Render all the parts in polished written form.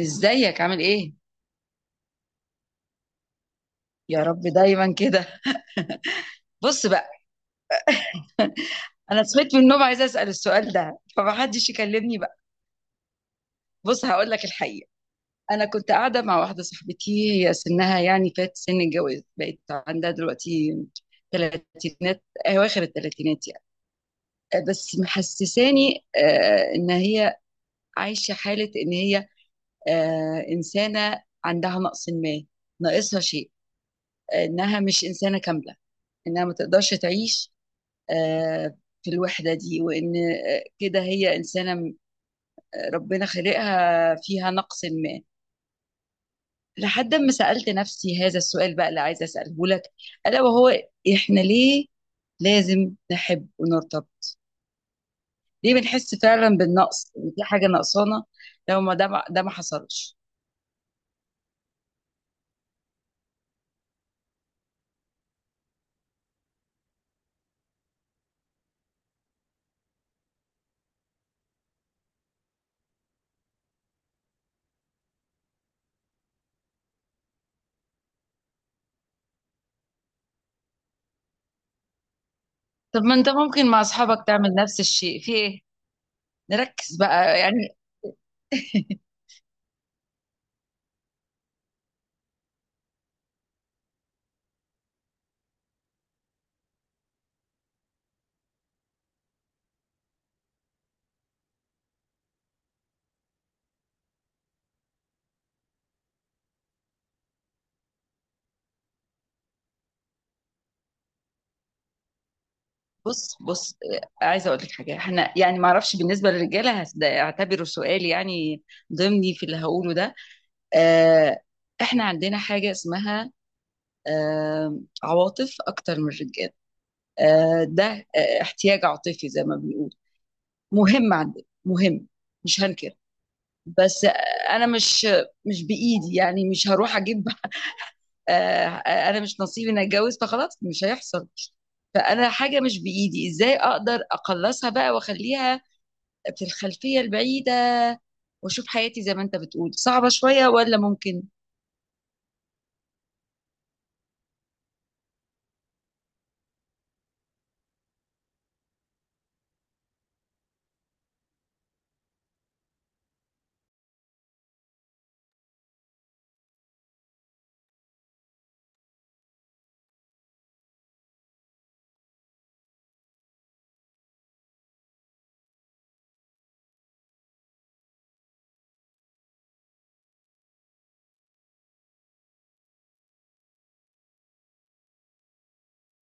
ازيك عامل ايه؟ يا رب دايما كده. بص بقى، انا صحيت من النوم عايزه اسال السؤال ده فمحدش يكلمني بقى. بص هقول لك الحقيقه. انا كنت قاعده مع واحده صاحبتي، هي سنها يعني فات سن الجواز، بقت عندها دلوقتي تلاتينات، اواخر التلاتينات يعني. بس محسساني ان هي عايشه حاله، ان هي انسانه عندها نقص ما، ناقصها شيء، انها مش انسانه كامله، انها ما تقدرش تعيش آه، في الوحدة دي، وإن كده هي ربنا خلقها فيها نقص ما. لحد ما سألت نفسي هذا السؤال بقى، اللي عايزة أسأله لك، ألا وهو: إحنا ليه لازم نحب ونرتبط؟ ليه بنحس فعلا بالنقص، إن في حاجة نقصانة لو ما ده ما حصلش؟ طب ما أنت ممكن مع أصحابك تعمل نفس الشيء، في إيه؟ نركز بقى يعني. بص بص، عايزه اقول لك حاجه، احنا يعني ما اعرفش بالنسبه للرجاله، ده اعتبره سؤال يعني، ضمني في اللي هقوله ده. آه، احنا عندنا حاجه اسمها عواطف اكتر من الرجال. آه، ده آه، احتياج عاطفي زي ما بنقول، مهم عندنا، مهم. مش هنكر. بس انا مش بايدي يعني، مش هروح اجيب. آه، انا مش نصيبي اني اتجوز، فخلاص مش هيحصل. فانا حاجه مش بايدي، ازاي اقدر اقلصها بقى واخليها في الخلفية البعيدة، واشوف حياتي زي ما انت بتقول صعبة شوية، ولا ممكن؟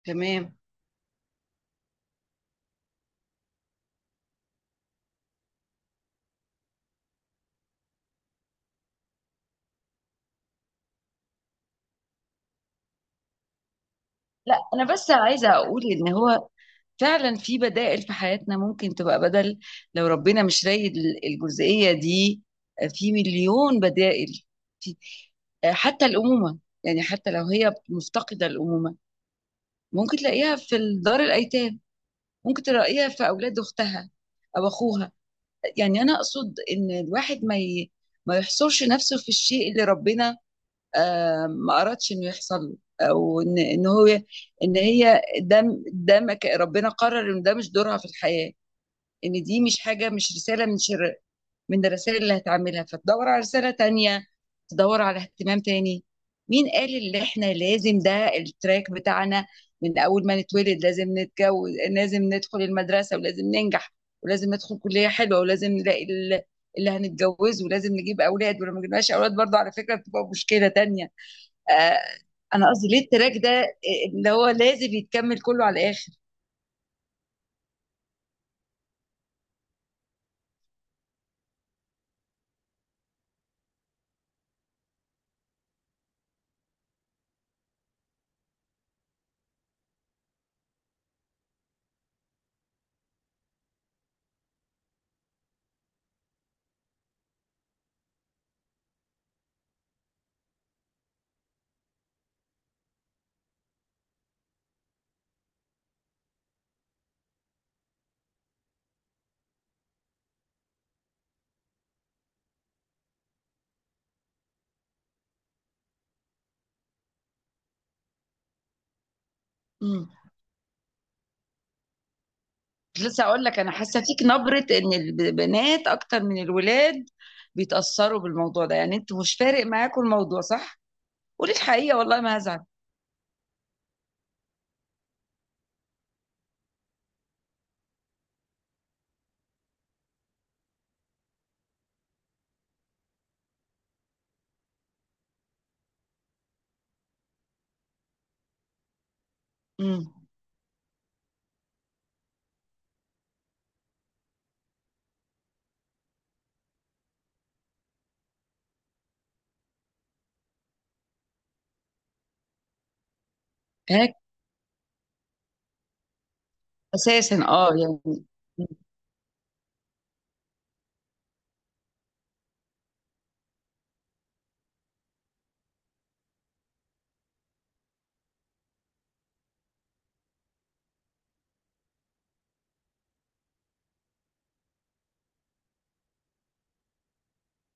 تمام. لا، انا بس عايزة اقول ان هو فعلا في بدائل في حياتنا، ممكن تبقى بدل لو ربنا مش رايد الجزئية دي. في مليون بدائل. في حتى الأمومة. يعني حتى لو هي مفتقدة الأمومة، ممكن تلاقيها في دار الأيتام، ممكن تلاقيها في أولاد أختها أو أخوها. يعني أنا أقصد إن الواحد ما يحصرش نفسه في الشيء اللي ربنا ما أردش إنه يحصل له، أو إن هو، إن هي ده، ده ما ك- ربنا قرر إن ده مش دورها في الحياة، إن دي مش حاجة، مش رسالة من شر من الرسائل اللي هتعملها، فتدور على رسالة تانية، تدور على اهتمام تاني. مين قال إن إحنا لازم ده التراك بتاعنا، من أول ما نتولد لازم نتجوز، لازم ندخل المدرسة، ولازم ننجح، ولازم ندخل كلية حلوة، ولازم نلاقي اللي هنتجوزه، ولازم نجيب أولاد، ولو ما جبناش أولاد برضه، على فكرة، بتبقى مشكلة تانية. آه، انا قصدي ليه التراك ده اللي هو لازم يتكمل كله على الاخر؟ امم. كنت لسه اقول لك، انا حاسه فيك نبره ان البنات اكتر من الولاد بيتاثروا بالموضوع ده. يعني انتوا مش فارق معاكم الموضوع، صح؟ قولي الحقيقه والله ما هزعل. امم. هيك اساسا، يعني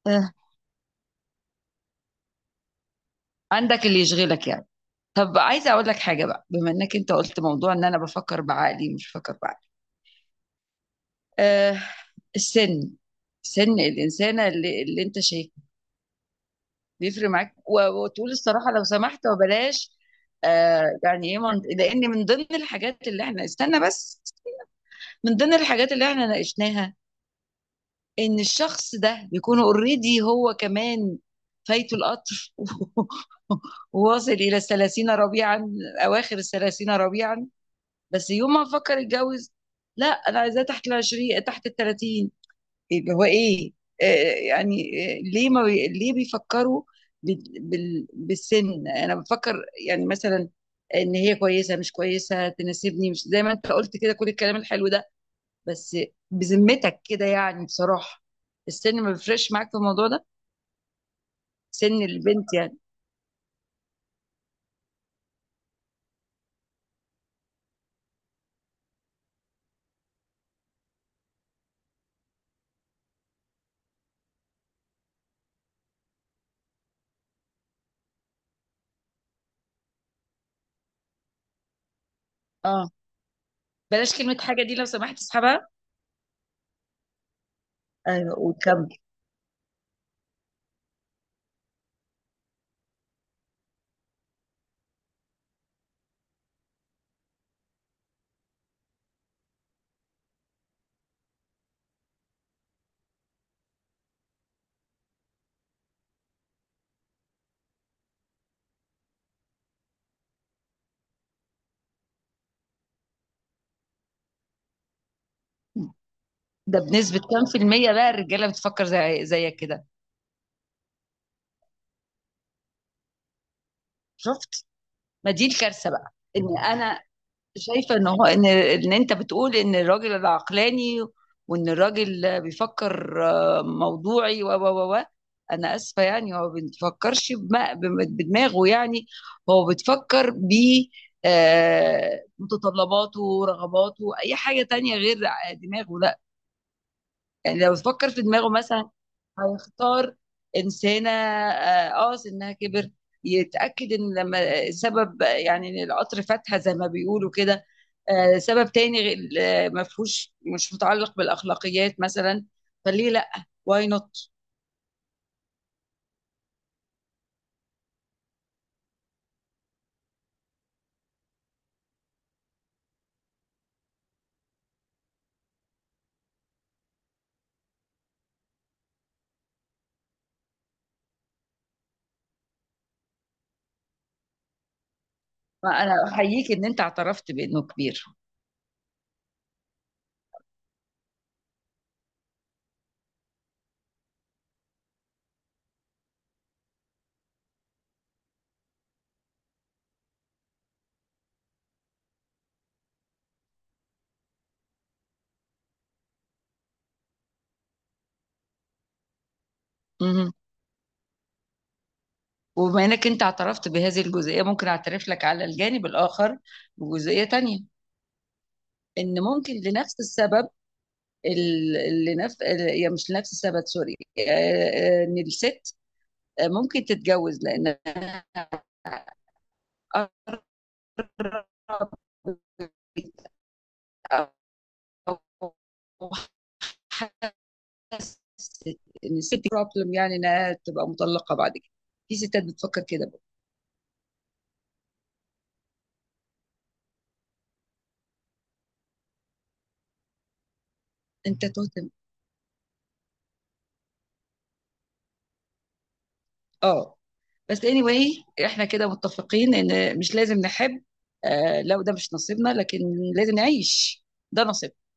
آه، عندك اللي يشغلك يعني. طب عايزه اقول لك حاجه بقى، بما انك انت قلت موضوع ان انا بفكر بعقلي، مش بفكر بعقلي. أه، السن، سن الانسانه اللي انت شايف، بيفرق معاك؟ وتقول الصراحه لو سمحت، وبلاش. يعني ايه؟ لان من ضمن الحاجات اللي احنا، استنى بس، من ضمن الحاجات اللي احنا ناقشناها، ان الشخص ده بيكون اوريدي هو كمان، فايته القطر، وواصل الى 30 ربيعا، اواخر 30 ربيعا. بس يوم ما فكر يتجوز: لا، انا عايزاه تحت 20، تحت 30. اللي هو ايه؟ آه، يعني ليه ما بي... ليه بيفكروا بالسن؟ انا بفكر يعني مثلا، ان هي كويسه مش كويسه، تناسبني مش زي ما انت قلت كده كل الكلام الحلو ده. بس بذمتك كده يعني، بصراحه، السن ما بيفرقش معاك في الموضوع ده، سن البنت يعني؟ اه، بلاش كلمه حاجه دي لو سمحت، اسحبها. ايوه، وكم؟ ده بنسبه كام في الميه بقى الرجاله بتفكر زي زيك كده؟ شفت؟ ما دي الكارثه بقى، ان انا شايفة ان هو، ان انت بتقول ان الراجل العقلاني، وان الراجل بيفكر موضوعي، و. انا اسفة يعني، هو ما بيفكرش بدماغه يعني. هو بتفكر ب متطلباته ورغباته، اي حاجة تانية غير دماغه، لا. يعني لو بتفكر في دماغه مثلا، هيختار إنسانة سنها كبر، يتأكد إن لما سبب، يعني إن القطر فاتها زي ما بيقولوا كده سبب تاني ما فيهوش، مش متعلق بالأخلاقيات مثلا، فليه لأ؟ واي نوت. أنا أحييك إن أنت اعترفت بإنه كبير. مهم. وبما إنك أنت اعترفت بهذه الجزئية، ممكن أعترف لك على الجانب الآخر بجزئية تانية، إن ممكن لنفس السبب، ال- اللي نفس يا، مش لنفس السبب، سوري. ان الست ممكن تتجوز لان أقرب، أو حست ان الست بروبلم، يعني انها تبقى مطلقه بعد كده. في ستات بتفكر كده بقى. انت تهتم. اه، بس اني anyway احنا كده متفقين ان مش لازم نحب، آه لو ده مش نصيبنا، لكن لازم نعيش، ده نصيبنا.